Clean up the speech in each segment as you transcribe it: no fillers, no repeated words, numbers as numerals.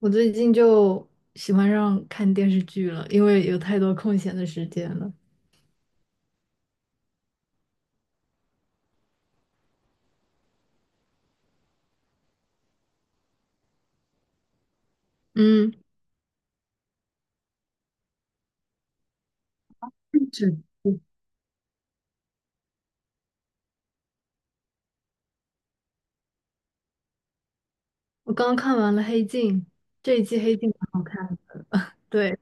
我最近就喜欢上看电视剧了，因为有太多空闲的时间了。嗯，是，我刚看完了《黑镜》，这一季《黑镜》蛮好看。对，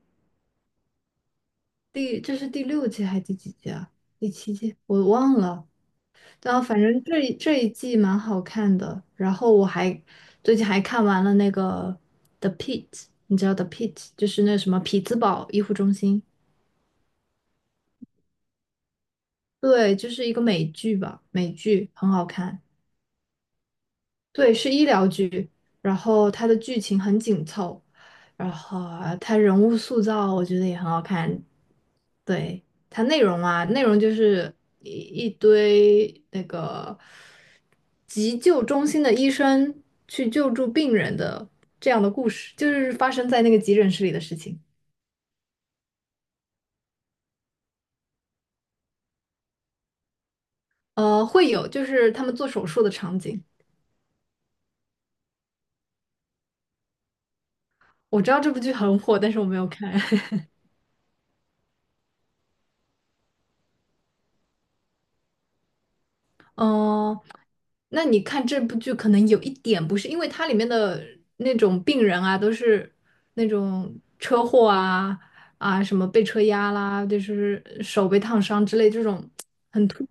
这是第六季还是第几季啊？第七季我忘了。然后反正这一季蛮好看的。然后我还最近还看完了那个《The p i t》， 你知道《The Pitt》就是那什么匹兹堡医护中心？对，就是一个美剧吧，美剧很好看。对，是医疗剧，然后它的剧情很紧凑，然后它人物塑造我觉得也很好看。对，它内容啊，内容就是一堆那个急救中心的医生去救助病人的这样的故事，就是发生在那个急诊室里的事情。会有就是他们做手术的场景。我知道这部剧很火，但是我没有看。嗯、那你看这部剧，可能有一点不是，因为它里面的那种病人啊，都是那种车祸啊啊，什么被车压啦，就是手被烫伤之类这种很突，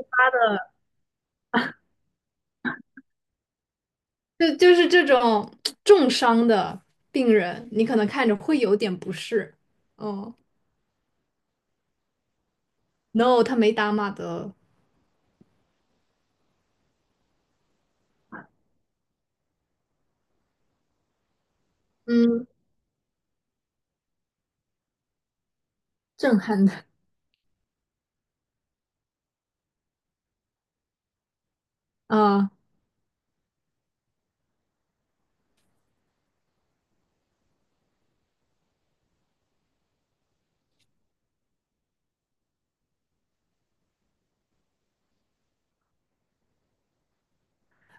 就是这种重伤的病人，你可能看着会有点不适。哦，no，他没打码的。嗯，震撼的啊。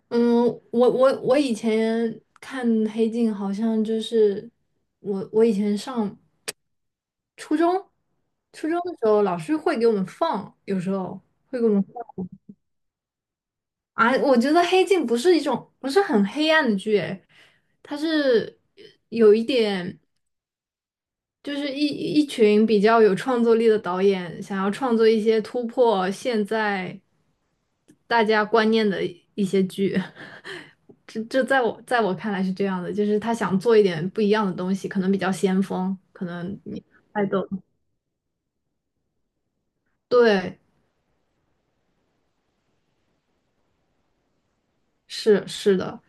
嗯，我以前看《黑镜》，好像就是我以前上初中，初中的时候老师会给我们放，有时候会给我们放啊。我觉得《黑镜》不是一种不是很黑暗的剧，诶，它是有一点就是一群比较有创作力的导演想要创作一些突破现在大家观念的一些剧。这在我看来是这样的，就是他想做一点不一样的东西，可能比较先锋，可能你爱豆对，是是的。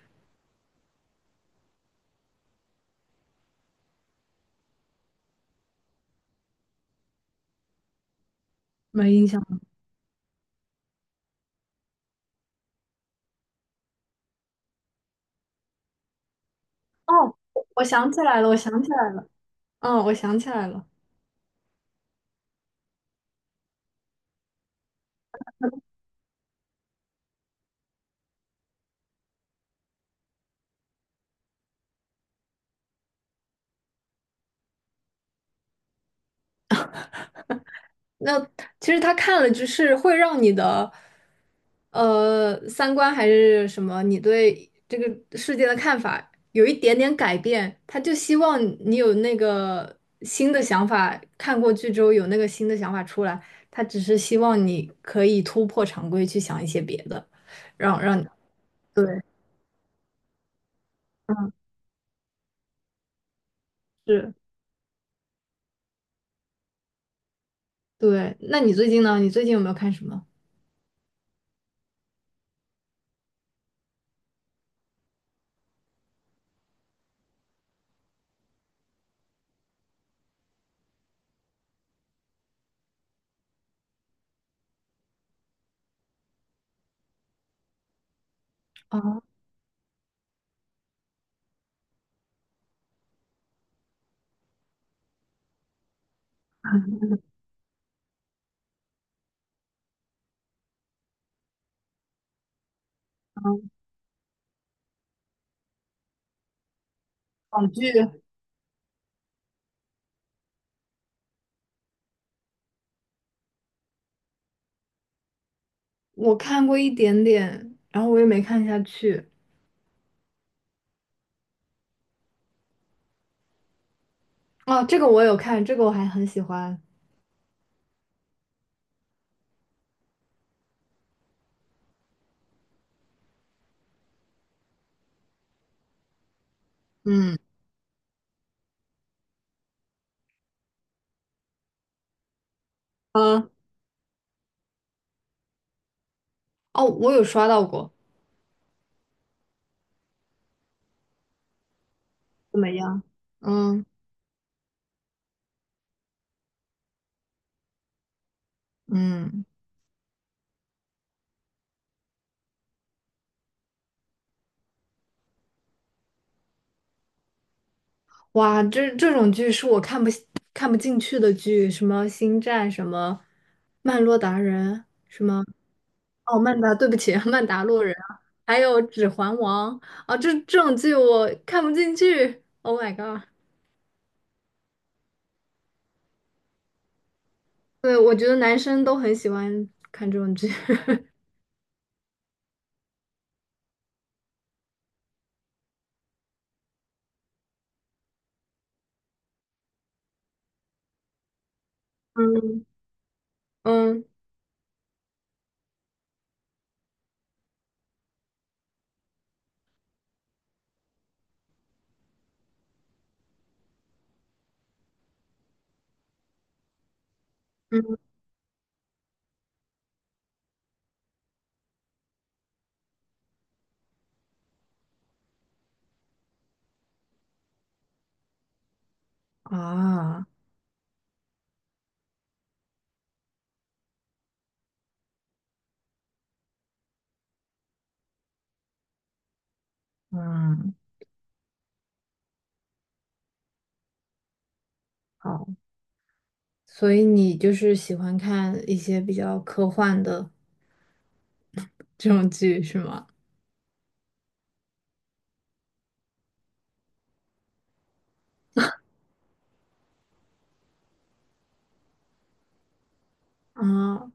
没印象。哦，我想起来了，我想起来了，嗯，我想起来了。那其实他看了，就是会让你的，三观还是什么，你对这个世界的看法有一点点改变。他就希望你有那个新的想法，看过剧之后有那个新的想法出来。他只是希望你可以突破常规，去想一些别的，让你对，嗯，是，对。那你最近呢？你最近有没有看什么？啊，网剧。我看过一点点，然后我也没看下去。哦，这个我有看，这个我还很喜欢。嗯，啊，哦，我有刷到过，怎么样？嗯。嗯，哇，这这种剧是我看不进去的剧，什么《星战》，什么《曼洛达人》，什么哦，曼达，对不起，曼达洛人，还有《指环王》啊，这这种剧我看不进去。Oh my god！对，我觉得男生都很喜欢看这种剧。嗯，嗯，啊，嗯，好，所以你就是喜欢看一些比较科幻的这种剧是吗？啊，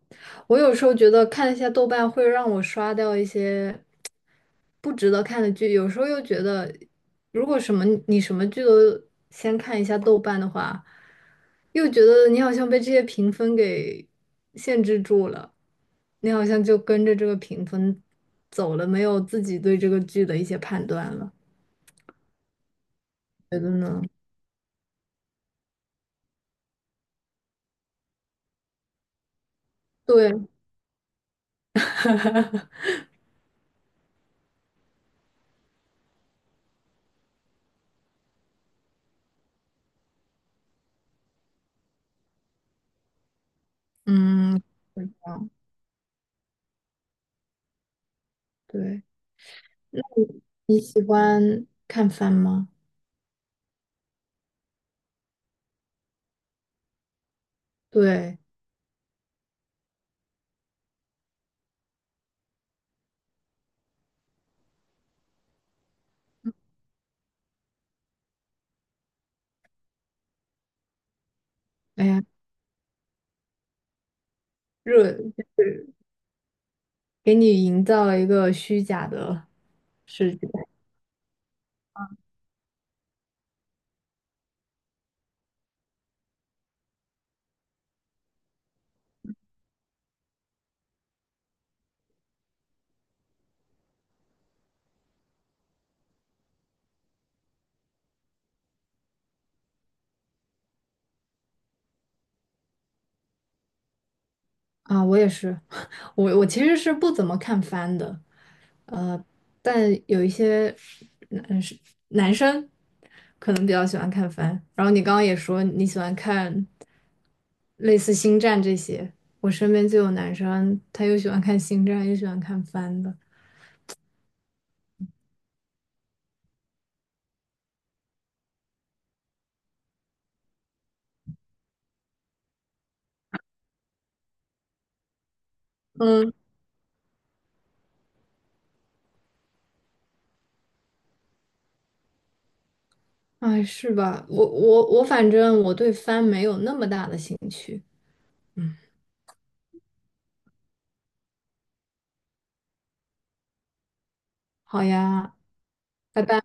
我有时候觉得看一下豆瓣会让我刷掉一些不值得看的剧，有时候又觉得，如果什么你什么剧都先看一下豆瓣的话，又觉得你好像被这些评分给限制住了，你好像就跟着这个评分走了，没有自己对这个剧的一些判断了。觉得呢？对，嗯，是这样对。那你你喜欢看番吗？对，哎呀，热，给你营造了一个虚假的世界啊！我也是，我其实是不怎么看番的，但有一些男生男生可能比较喜欢看番。然后你刚刚也说你喜欢看类似星战这些，我身边就有男生，他又喜欢看星战，又喜欢看番的。嗯。哎，是吧？我，反正我对帆没有那么大的兴趣。嗯，好呀，拜拜。